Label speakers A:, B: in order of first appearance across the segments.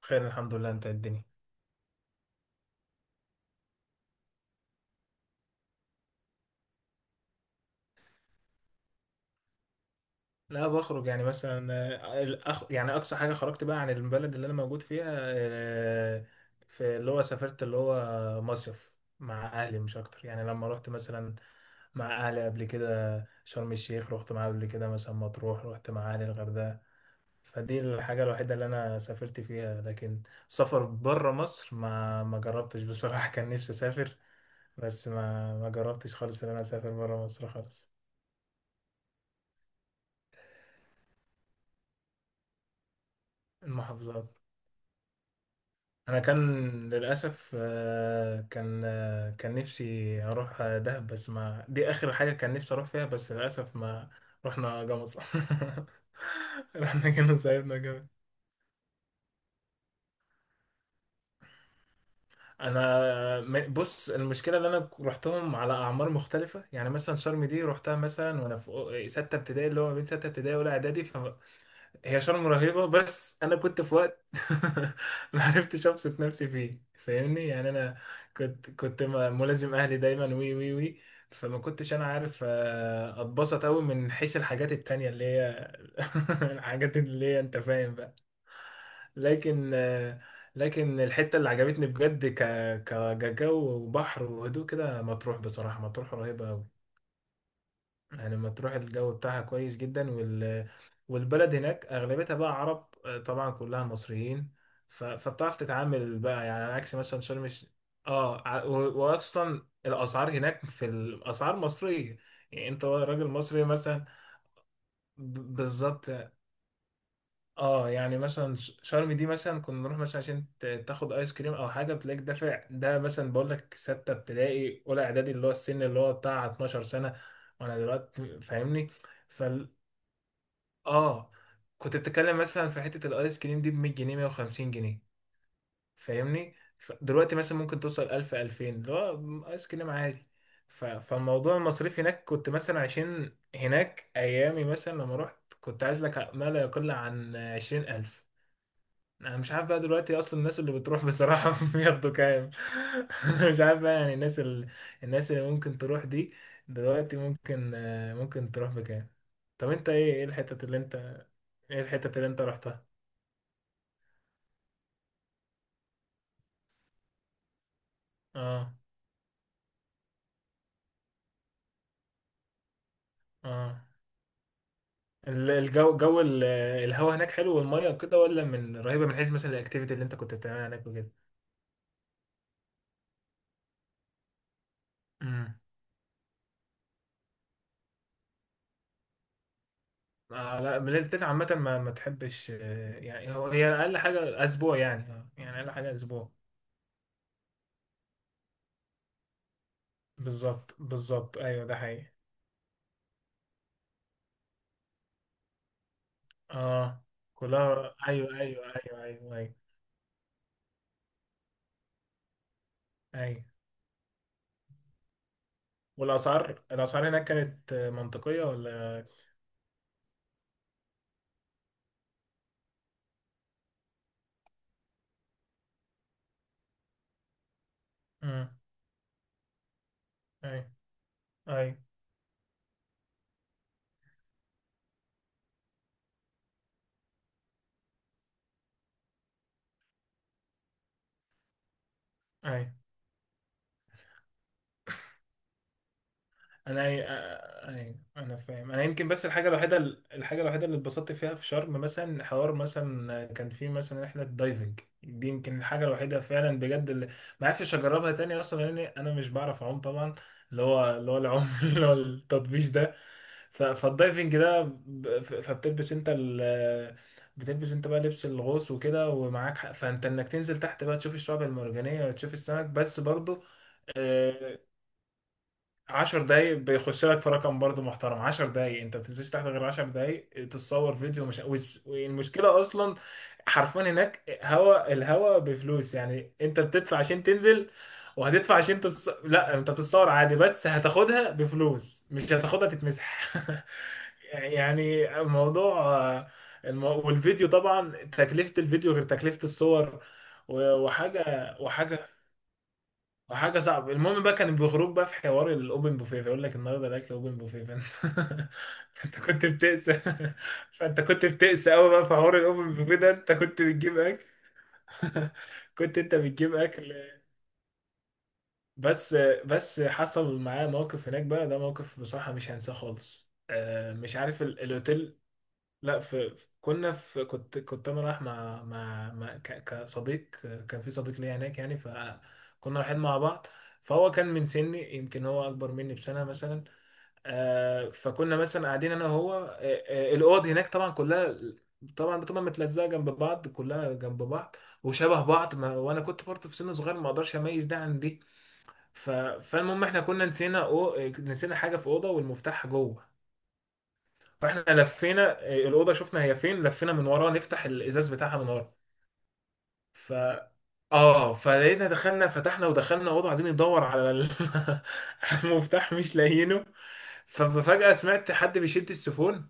A: خير، الحمد لله. انت إيه الدنيا؟ لا، بخرج يعني مثلا يعني اقصى حاجه خرجت بقى عن البلد اللي انا موجود فيها. آه، في اللي هو سافرت اللي هو مصيف مع اهلي مش اكتر، يعني لما رحت مثلا مع اهلي قبل كده شرم الشيخ، رحت معاه قبل كده مثلا مطروح، رحت مع اهلي الغردقه. فدي الحاجه الوحيده اللي انا سافرت فيها، لكن سفر بره مصر ما جربتش بصراحه. كان نفسي اسافر بس ما جربتش خالص ان انا اسافر بره مصر خالص. المحافظات. انا كان للاسف، كان نفسي اروح دهب، بس ما دي اخر حاجه كان نفسي اروح فيها، بس للاسف ما رحنا جمصة. رحنا كنا صاحبنا جامد. بص، المشكله ان انا رحتهم على اعمار مختلفه، يعني مثلا شرم دي رحتها مثلا وانا في سته ابتدائي، اللي هو ما بين سته ابتدائي واولى اعدادي. هي شرم رهيبة بس أنا كنت في وقت ما عرفتش أبسط نفسي فيه، فاهمني؟ يعني أنا كنت ملازم أهلي دايما، وي وي وي فما كنتش أنا عارف أتبسط أوي من حيث الحاجات التانية اللي هي، الحاجات اللي هي أنت فاهم بقى. لكن لكن الحتة اللي عجبتني بجد كجو وبحر وهدوء كده مطروح. بصراحة مطروح رهيبة أوي. يعني مطروح الجو بتاعها كويس جدا والبلد هناك اغلبيتها بقى عرب، طبعا كلها مصريين. فبتعرف تتعامل بقى يعني، على عكس مثلا اه واصلا الاسعار هناك، في الاسعار مصريه. يعني انت راجل مصري مثلا. بالظبط. اه يعني مثلا شرم دي مثلا كنا نروح مثلا عشان تاخد ايس كريم او حاجه، بتلاقيك دافع، ده مثلا بقول لك سته ابتدائي اولى اعدادي، اللي هو السن اللي هو بتاع 12 سنه. وانا دلوقتي فاهمني. اه، كنت بتتكلم مثلا في حتة الايس كريم دي ب 100 جنيه 150 جنيه، فاهمني؟ دلوقتي مثلا ممكن توصل 1000 2000 اللي هو ايس كريم عادي. فالموضوع المصاريف هناك كنت مثلا، عشان هناك ايامي مثلا لما رحت كنت عايز لك ما لا يقل عن 20,000. انا مش عارف بقى دلوقتي اصلا الناس اللي بتروح بصراحة بياخدوا كام. مش عارف بقى يعني الناس اللي ممكن تروح دي دلوقتي ممكن ممكن تروح بكام. طب انت ايه ايه الحتت اللي انت ايه الحتت اللي انت رحتها؟ اه اه. الجو، الهوا هناك حلو والميه وكده، ولا من رهيبة من حيث مثلا الاكتيفيتي اللي انت كنت بتعملها هناك وكده؟ امم آه، لا بلاد التلج عامة ما تحبش، يعني هو هي أقل حاجة أسبوع، يعني آه، يعني أقل حاجة أسبوع بالظبط بالظبط، ايوه ده حقيقي. اه، كلها، ايوه ايوه ايوه ايوه ايوه ايوه. والاسعار هناك كانت منطقيه ولا؟ امم، ايوه ايوه ايوه. انا اي انا فاهم، انا يمكن بس الحاجه الوحيده، اللي اتبسطت فيها في شرم مثلا، حوار مثلا كان في مثلا رحله دايفنج، دي يمكن الحاجه الوحيده فعلا بجد اللي ما عرفتش اجربها تاني، اصلا لان انا مش بعرف اعوم طبعا. اللي هو العوم، اللي هو التطبيش ده. فالدايفنج ده ب- ف- فبتلبس انت ال بتلبس انت بقى لبس الغوص وكده ومعاك حق، فانت انك تنزل تحت بقى تشوف الشعاب المرجانيه وتشوف السمك بس. برضه 10 دقايق بيخش لك في رقم برضه محترم، 10 دقايق انت ما بتنزلش تحت غير 10 دقايق، تتصور فيديو مش والمشكله اصلا حرفيا هناك هوا، الهوا بفلوس. يعني انت بتدفع عشان تنزل، وهتدفع عشان لا انت بتتصور عادي بس هتاخدها بفلوس، مش هتاخدها تتمسح. يعني الموضوع، والفيديو طبعا تكلفة الفيديو غير تكلفة الصور. وحاجة وحاجه صعبه. المهم بقى كان بيخرج بقى في حوار الاوبن بوفيه، فيقول لك النهارده الاكل اوبن بوفيه، فانت فأنت كنت بتقسى فانت كنت بتقسى قوي بقى في حوار الاوبن بوفيه ده، انت كنت بتجيب اكل. كنت انت بتجيب اكل بس، حصل معايا موقف هناك بقى، ده موقف بصراحه مش هنساه خالص. مش عارف الاوتيل. لا، في في- كنا في كنت انا رايح مع مع كصديق. كان في صديق ليا هناك يعني، فكنا رايحين مع بعض. فهو كان من سني، يمكن هو اكبر مني بسنه مثلا. فكنا مثلا قاعدين انا وهو، الاوض هناك طبعا كلها، طبعا بتبقى متلزقه جنب بعض، كلها جنب بعض وشبه بعض. ما وانا كنت برضه في سن صغير، ما اقدرش اميز ده عن دي. فالمهم احنا كنا نسينا، نسينا حاجه في اوضه والمفتاح جوه. فاحنا لفينا، إيه، الاوضه شفنا هي فين، لفينا من ورا، نفتح الازاز بتاعها من ورا. ف اه فلقينا، دخلنا، فتحنا ودخلنا اوضه، قاعدين ندور على المفتاح مش لاقيينه. ففجأة سمعت حد بيشد السيفون.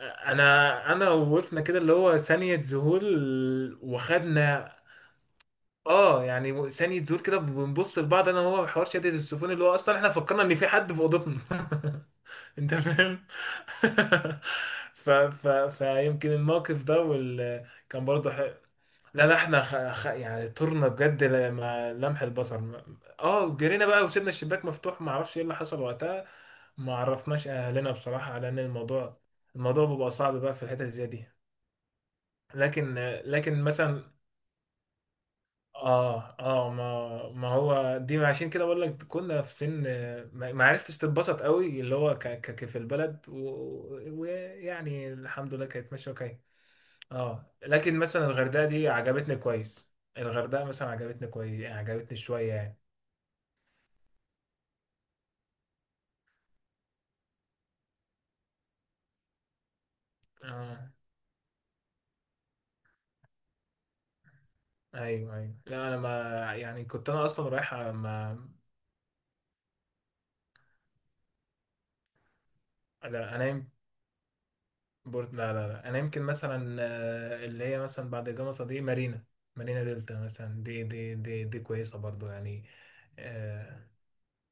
A: انا وقفنا كده اللي هو ثانية ذهول، وخدنا اه يعني ثانية ذهول كده، بنبص لبعض انا وهو بحوار شدة السيفون، اللي هو اصلا احنا فكرنا ان في حد في اوضتنا. انت فاهم. فيمكن الموقف ده كان برضه حلو. لا لا، احنا يعني طرنا بجد، لما لمح البصر جرينا بقى، وسيبنا الشباك مفتوح، ما اعرفش ايه اللي حصل وقتها. ما عرفناش اهلنا بصراحة على ان الموضوع، الموضوع بيبقى صعب بقى في الحتت زي دي. لكن، لكن مثلا اه اه، ما ما هو دي عشان كده بقول لك كنا في سن، ما عرفتش تتبسط قوي اللي هو في البلد، ويعني الحمد لله كانت ماشيه وكاية. اه لكن مثلا الغردقه دي عجبتني كويس، الغردقه مثلا عجبتني كويس، يعني عجبتني شويه يعني. اه ايوه ايوه، لا انا ما، يعني كنت انا اصلا رايح ما. لا انام بورت، لا لا لا، انا يمكن مثلا اللي هي مثلا بعد جمصة دي مارينا، مارينا دلتا مثلا، دي كويسة برضو يعني. آه،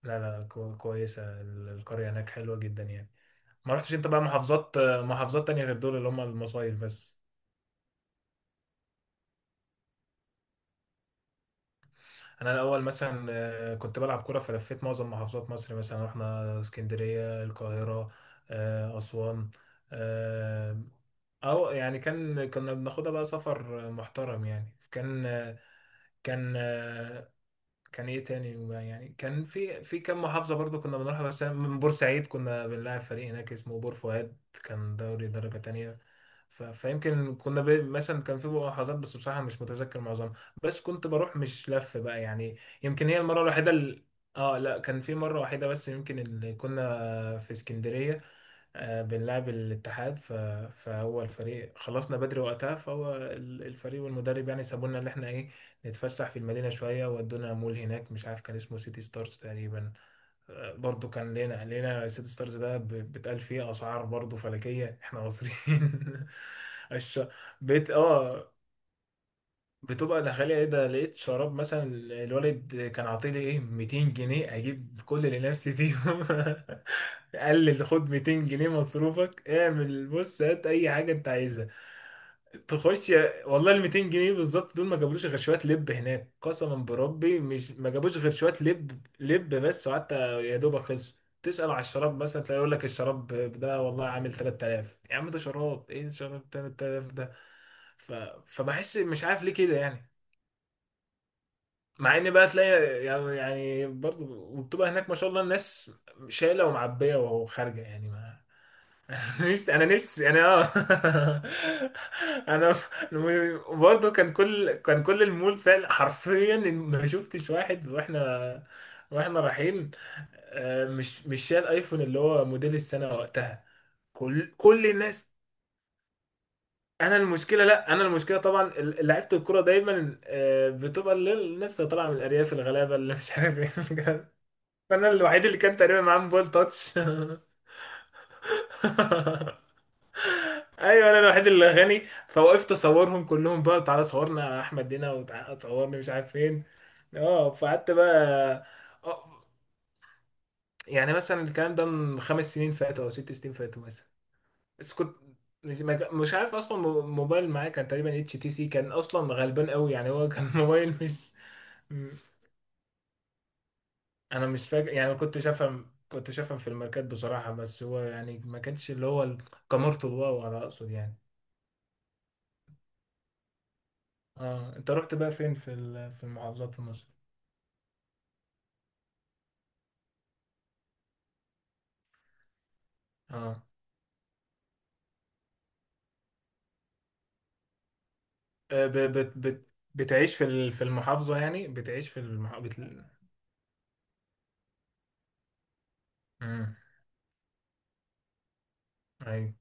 A: لا لا، كويسة القرية هناك حلوة جدا يعني. ما رحتش انت بقى محافظات، محافظات تانية غير دول اللي هم المصايف بس؟ انا الاول مثلا كنت بلعب كرة، فلفيت معظم محافظات مصر، مثلا رحنا اسكندرية، القاهرة، اسوان. آه، او يعني كان كنا بناخدها بقى سفر محترم يعني، كان آه، كان ايه تاني، يعني كان في كام محافظة برضو كنا بنروحها. بس أنا من بورسعيد، كنا بنلعب فريق هناك اسمه بور فؤاد، كان دوري درجة تانية. فيمكن كنا ب، مثلا كان في محافظات بس بصراحة مش متذكر معظمها. بس كنت بروح، مش لف بقى يعني. يمكن هي المرة الوحيدة اه، لا كان في مرة واحدة بس يمكن، اللي كنا في اسكندرية بنلعب الاتحاد. فهو الفريق خلصنا بدري وقتها، فهو الفريق والمدرب يعني سابونا، اللي احنا ايه، نتفسح في المدينة شوية، ودونا مول هناك مش عارف كان اسمه سيتي ستارز تقريبا. برضو كان لنا، سيتي ستارز ده بيتقال فيه أسعار برضو فلكية، احنا مصريين. الش... بيت اه بتبقى الغالية ايه، ده لقيت شراب مثلا، الوالد كان عاطيلي ايه 200 جنيه، اجيب كل اللي نفسي فيهم. قال لي خد 200 جنيه مصروفك، اعمل بص، هات اي حاجة انت عايزها، تخش. والله ال 200 جنيه بالظبط دول ما جابلوش غير شوية لب هناك، قسما بربي، مش ما جابوش غير شوية لب لب بس، وقعدت يا دوبك خلصوا. تسأل على الشراب مثلا تلاقي يقول لك الشراب ده والله عامل 3000، يا عم ده شراب ايه شراب 3000 ده؟ ف... فبحس مش عارف ليه كده يعني. مع ان بقى تلاقي يعني، يعني برضه، وبتبقى هناك ما شاء الله الناس شايله ومعبيه وخارجه يعني، ما نفسي انا، نفسي انا اه. انا برضه، كان كل المول فعلا حرفيا ما شفتش واحد، واحنا رايحين، مش شايل ايفون اللي هو موديل السنه وقتها، كل كل الناس. انا المشكله لا انا المشكله طبعا لعيبه الكوره دايما بتبقى الناس اللي طالعه من الارياف الغلابه اللي مش عارف ايه. فانا الوحيد اللي كان تقريبا معاه موبايل تاتش. ايوه انا الوحيد اللي غني. فوقفت اصورهم كلهم بقى، تعالى صورنا يا احمد هنا، وتعالى صورني مش عارف فين. اه فقعدت بقى. آه، يعني مثلا الكلام ده من 5 سنين فاتوا او 6 سنين فاتوا مثلا. بس كنت مش، ما كان- مش عارف اصلا، موبايل معايا كان تقريبا اتش تي سي، كان اصلا غلبان قوي يعني هو، كان موبايل مش. م- انا مش فاكر يعني، كنت شافهم كنت شافهم في الماركات بصراحة، بس هو يعني ما كانش اللي هو كاميرته الواو على اقصد يعني. اه انت رحت بقى فين في في المحافظات في مصر؟ اه، آه، ب... بت... بت... بتعيش في في المحافظة يعني، بتعيش في المحافظة بت... مم. ايوه،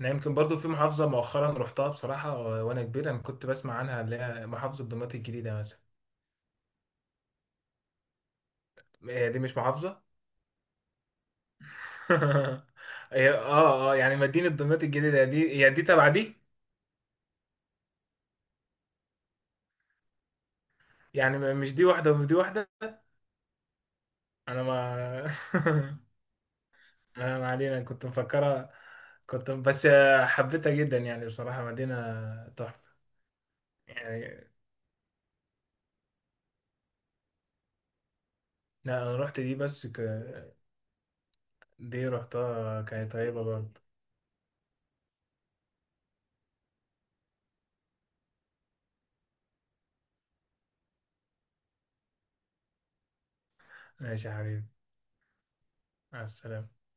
A: انا يمكن برضو في محافظة مؤخرا رحتها بصراحة، وانا كبير انا كنت بسمع عنها، اللي هي محافظة دمياط الجديدة مثلا. هي دي مش محافظة؟ هي اه اه، يعني مدينة دمياط الجديدة دي هي دي تبع دي، يعني مش دي واحدة ودي واحدة؟ انا ما انا ما علينا، كنت مفكرها. كنت بس، حبيتها جدا يعني بصراحة، مدينة تحفة يعني. لا انا رحت دي بس دي رحتها كانت طيبة برضه. ماشي يا حبيبي، مع السلامة.